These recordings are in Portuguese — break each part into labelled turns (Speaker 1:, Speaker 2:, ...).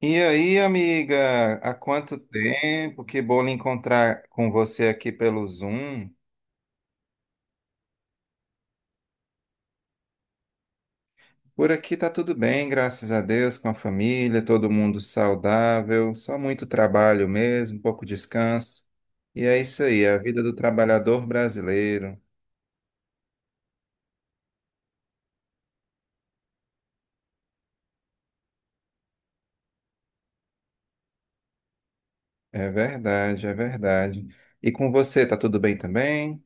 Speaker 1: E aí, amiga, há quanto tempo? Que bom lhe encontrar com você aqui pelo Zoom. Por aqui tá tudo bem, graças a Deus, com a família, todo mundo saudável, só muito trabalho mesmo, pouco descanso. E é isso aí, a vida do trabalhador brasileiro. É verdade, é verdade. E com você, tá tudo bem também?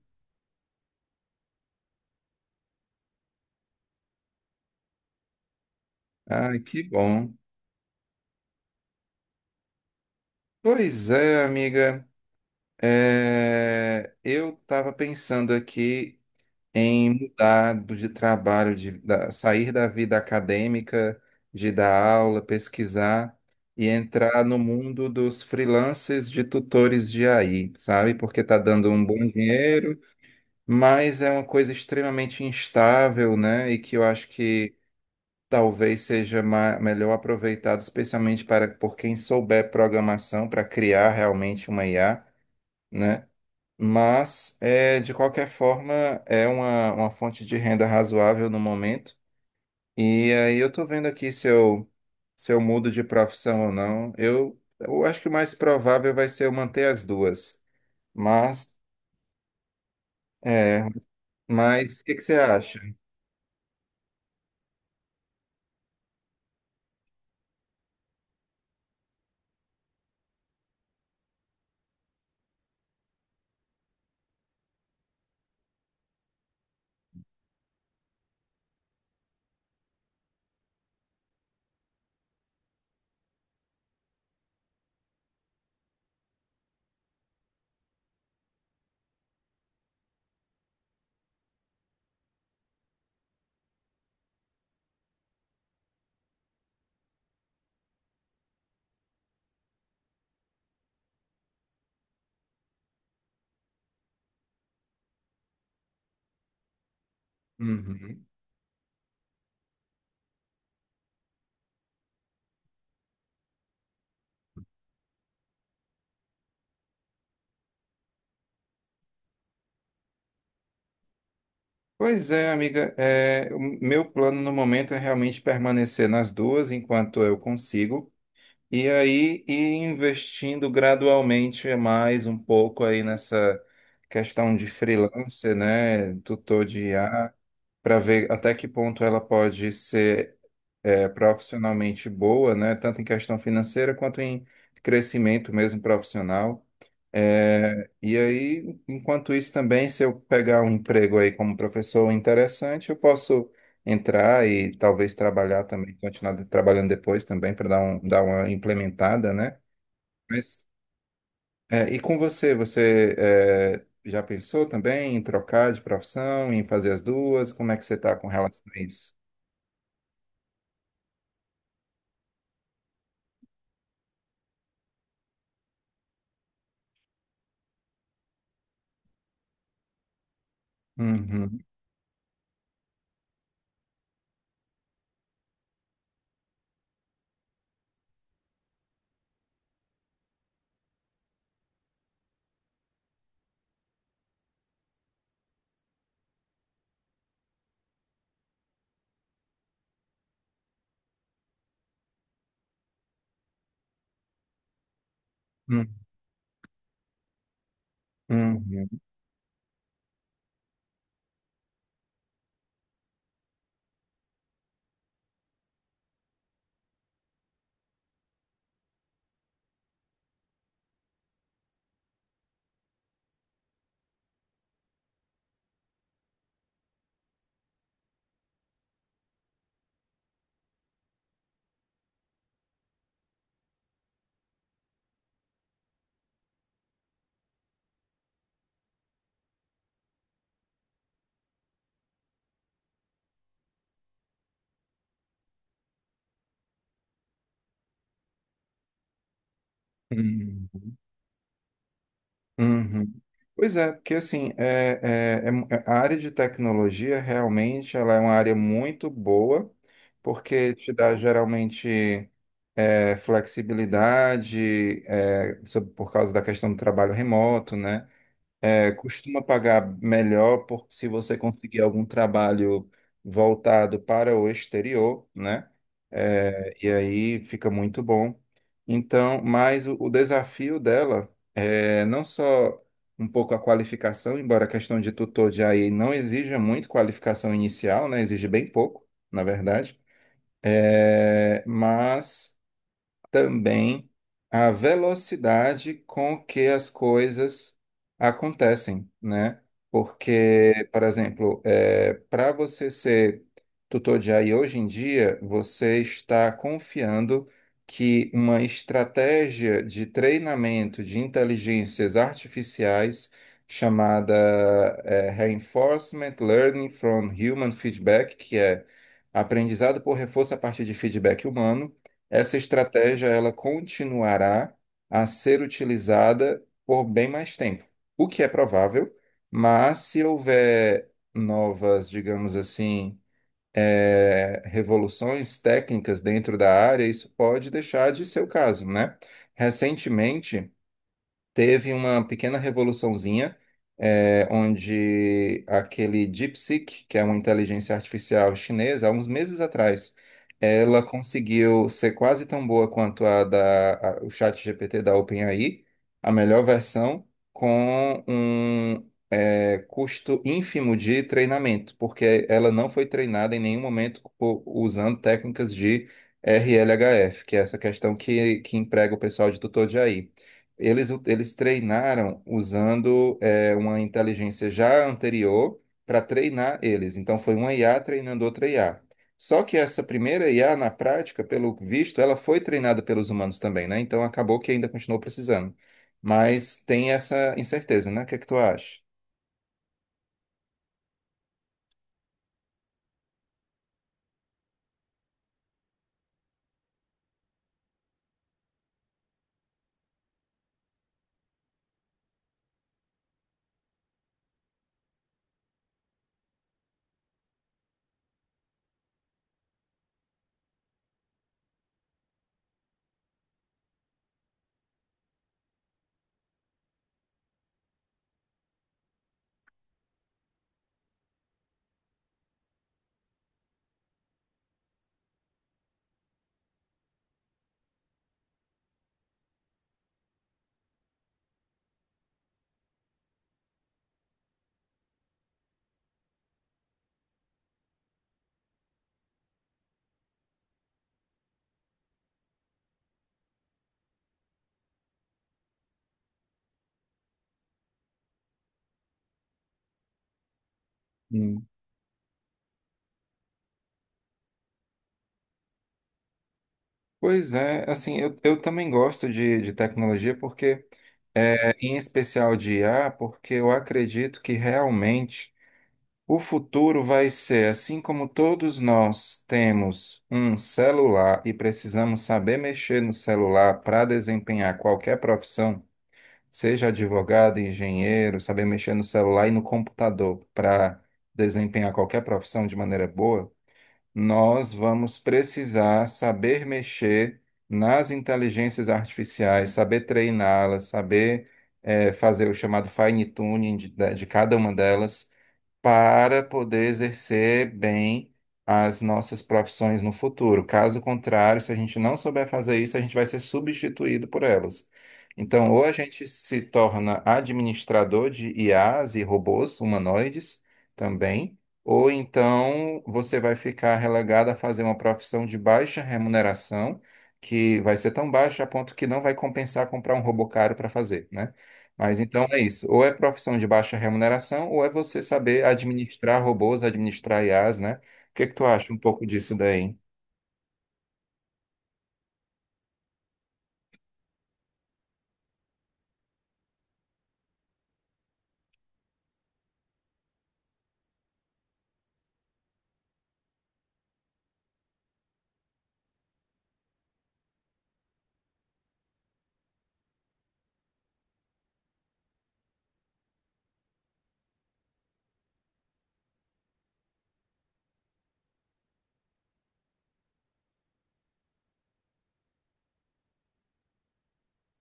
Speaker 1: Ai, que bom. Pois é, amiga. É, eu estava pensando aqui em mudar de trabalho, de sair da vida acadêmica, de dar aula, pesquisar e entrar no mundo dos freelancers de tutores de AI, sabe? Porque está dando um bom dinheiro, mas é uma coisa extremamente instável, né? E que eu acho que talvez seja melhor aproveitado, especialmente para por quem souber programação, para criar realmente uma IA, né? Mas, é, de qualquer forma, é uma fonte de renda razoável no momento. E aí eu tô vendo aqui se eu mudo de profissão ou não. Eu acho que o mais provável vai ser eu manter as duas. Mas, é, mas o que que você acha? Uhum. Pois é, amiga, é, o meu plano no momento é realmente permanecer nas duas enquanto eu consigo. E aí, e investindo gradualmente mais um pouco aí nessa questão de freelancer, né? Tutor de IA, para ver até que ponto ela pode ser, é, profissionalmente boa, né? Tanto em questão financeira quanto em crescimento mesmo profissional. É, e aí, enquanto isso também, se eu pegar um emprego aí como professor interessante, eu posso entrar e talvez trabalhar também, continuar trabalhando depois também para dar uma implementada, né? Mas, é, e com você, você é, já pensou também em trocar de profissão, em fazer as duas? Como é que você está com relação a isso? Uhum, uhum, uhum. Uhum. Uhum. Pois é, porque assim, é, a área de tecnologia realmente ela é uma área muito boa, porque te dá geralmente, é, flexibilidade, é, por causa da questão do trabalho remoto, né? É, costuma pagar melhor se você conseguir algum trabalho voltado para o exterior, né? É, e aí fica muito bom. Então, mas o desafio dela, é, não só um pouco a qualificação, embora a questão de tutor de AI não exija muito qualificação inicial, né? Exige bem pouco, na verdade. É, mas também a velocidade com que as coisas acontecem, né? Porque, por exemplo, para você ser tutor de AI hoje em dia, você está confiando que uma estratégia de treinamento de inteligências artificiais chamada, Reinforcement Learning from Human Feedback, que é aprendizado por reforço a partir de feedback humano, essa estratégia ela continuará a ser utilizada por bem mais tempo, o que é provável, mas se houver novas, digamos assim, revoluções técnicas dentro da área, isso pode deixar de ser o caso, né? Recentemente, teve uma pequena revoluçãozinha, onde aquele DeepSeek, que é uma inteligência artificial chinesa, há uns meses atrás, ela conseguiu ser quase tão boa quanto o ChatGPT da OpenAI, a melhor versão, com um, custo ínfimo de treinamento, porque ela não foi treinada em nenhum momento usando técnicas de RLHF, que é essa questão que emprega o pessoal de tutor de AI. Eles treinaram usando, é, uma inteligência já anterior para treinar eles. Então, foi uma IA treinando outra IA. Só que essa primeira IA, na prática, pelo visto, ela foi treinada pelos humanos também, né? Então, acabou que ainda continuou precisando. Mas tem essa incerteza, né? O que é que tu acha? Hum. Pois é, assim, eu também gosto de tecnologia, porque, é, em especial de IA, porque eu acredito que realmente o futuro vai ser assim, como todos nós temos um celular e precisamos saber mexer no celular para desempenhar qualquer profissão, seja advogado, engenheiro, saber mexer no celular e no computador para desempenhar qualquer profissão de maneira boa, nós vamos precisar saber mexer nas inteligências artificiais, saber treiná-las, saber, fazer o chamado fine tuning de cada uma delas para poder exercer bem as nossas profissões no futuro. Caso contrário, se a gente não souber fazer isso, a gente vai ser substituído por elas. Então, ou a gente se torna administrador de IAs e robôs humanoides também, ou então você vai ficar relegado a fazer uma profissão de baixa remuneração, que vai ser tão baixa a ponto que não vai compensar comprar um robô caro para fazer, né? Mas então é isso. Ou é profissão de baixa remuneração, ou é você saber administrar robôs, administrar IAs, né? O que que tu acha um pouco disso daí?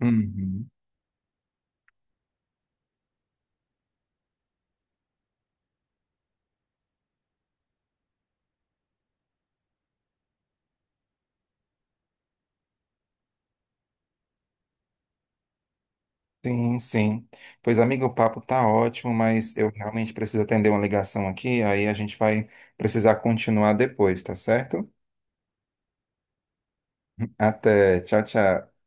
Speaker 1: Uhum. Sim, sim. Pois, amigo, o papo tá ótimo, mas eu realmente preciso atender uma ligação aqui, aí a gente vai precisar continuar depois, tá certo? Até. Tchau, tchau.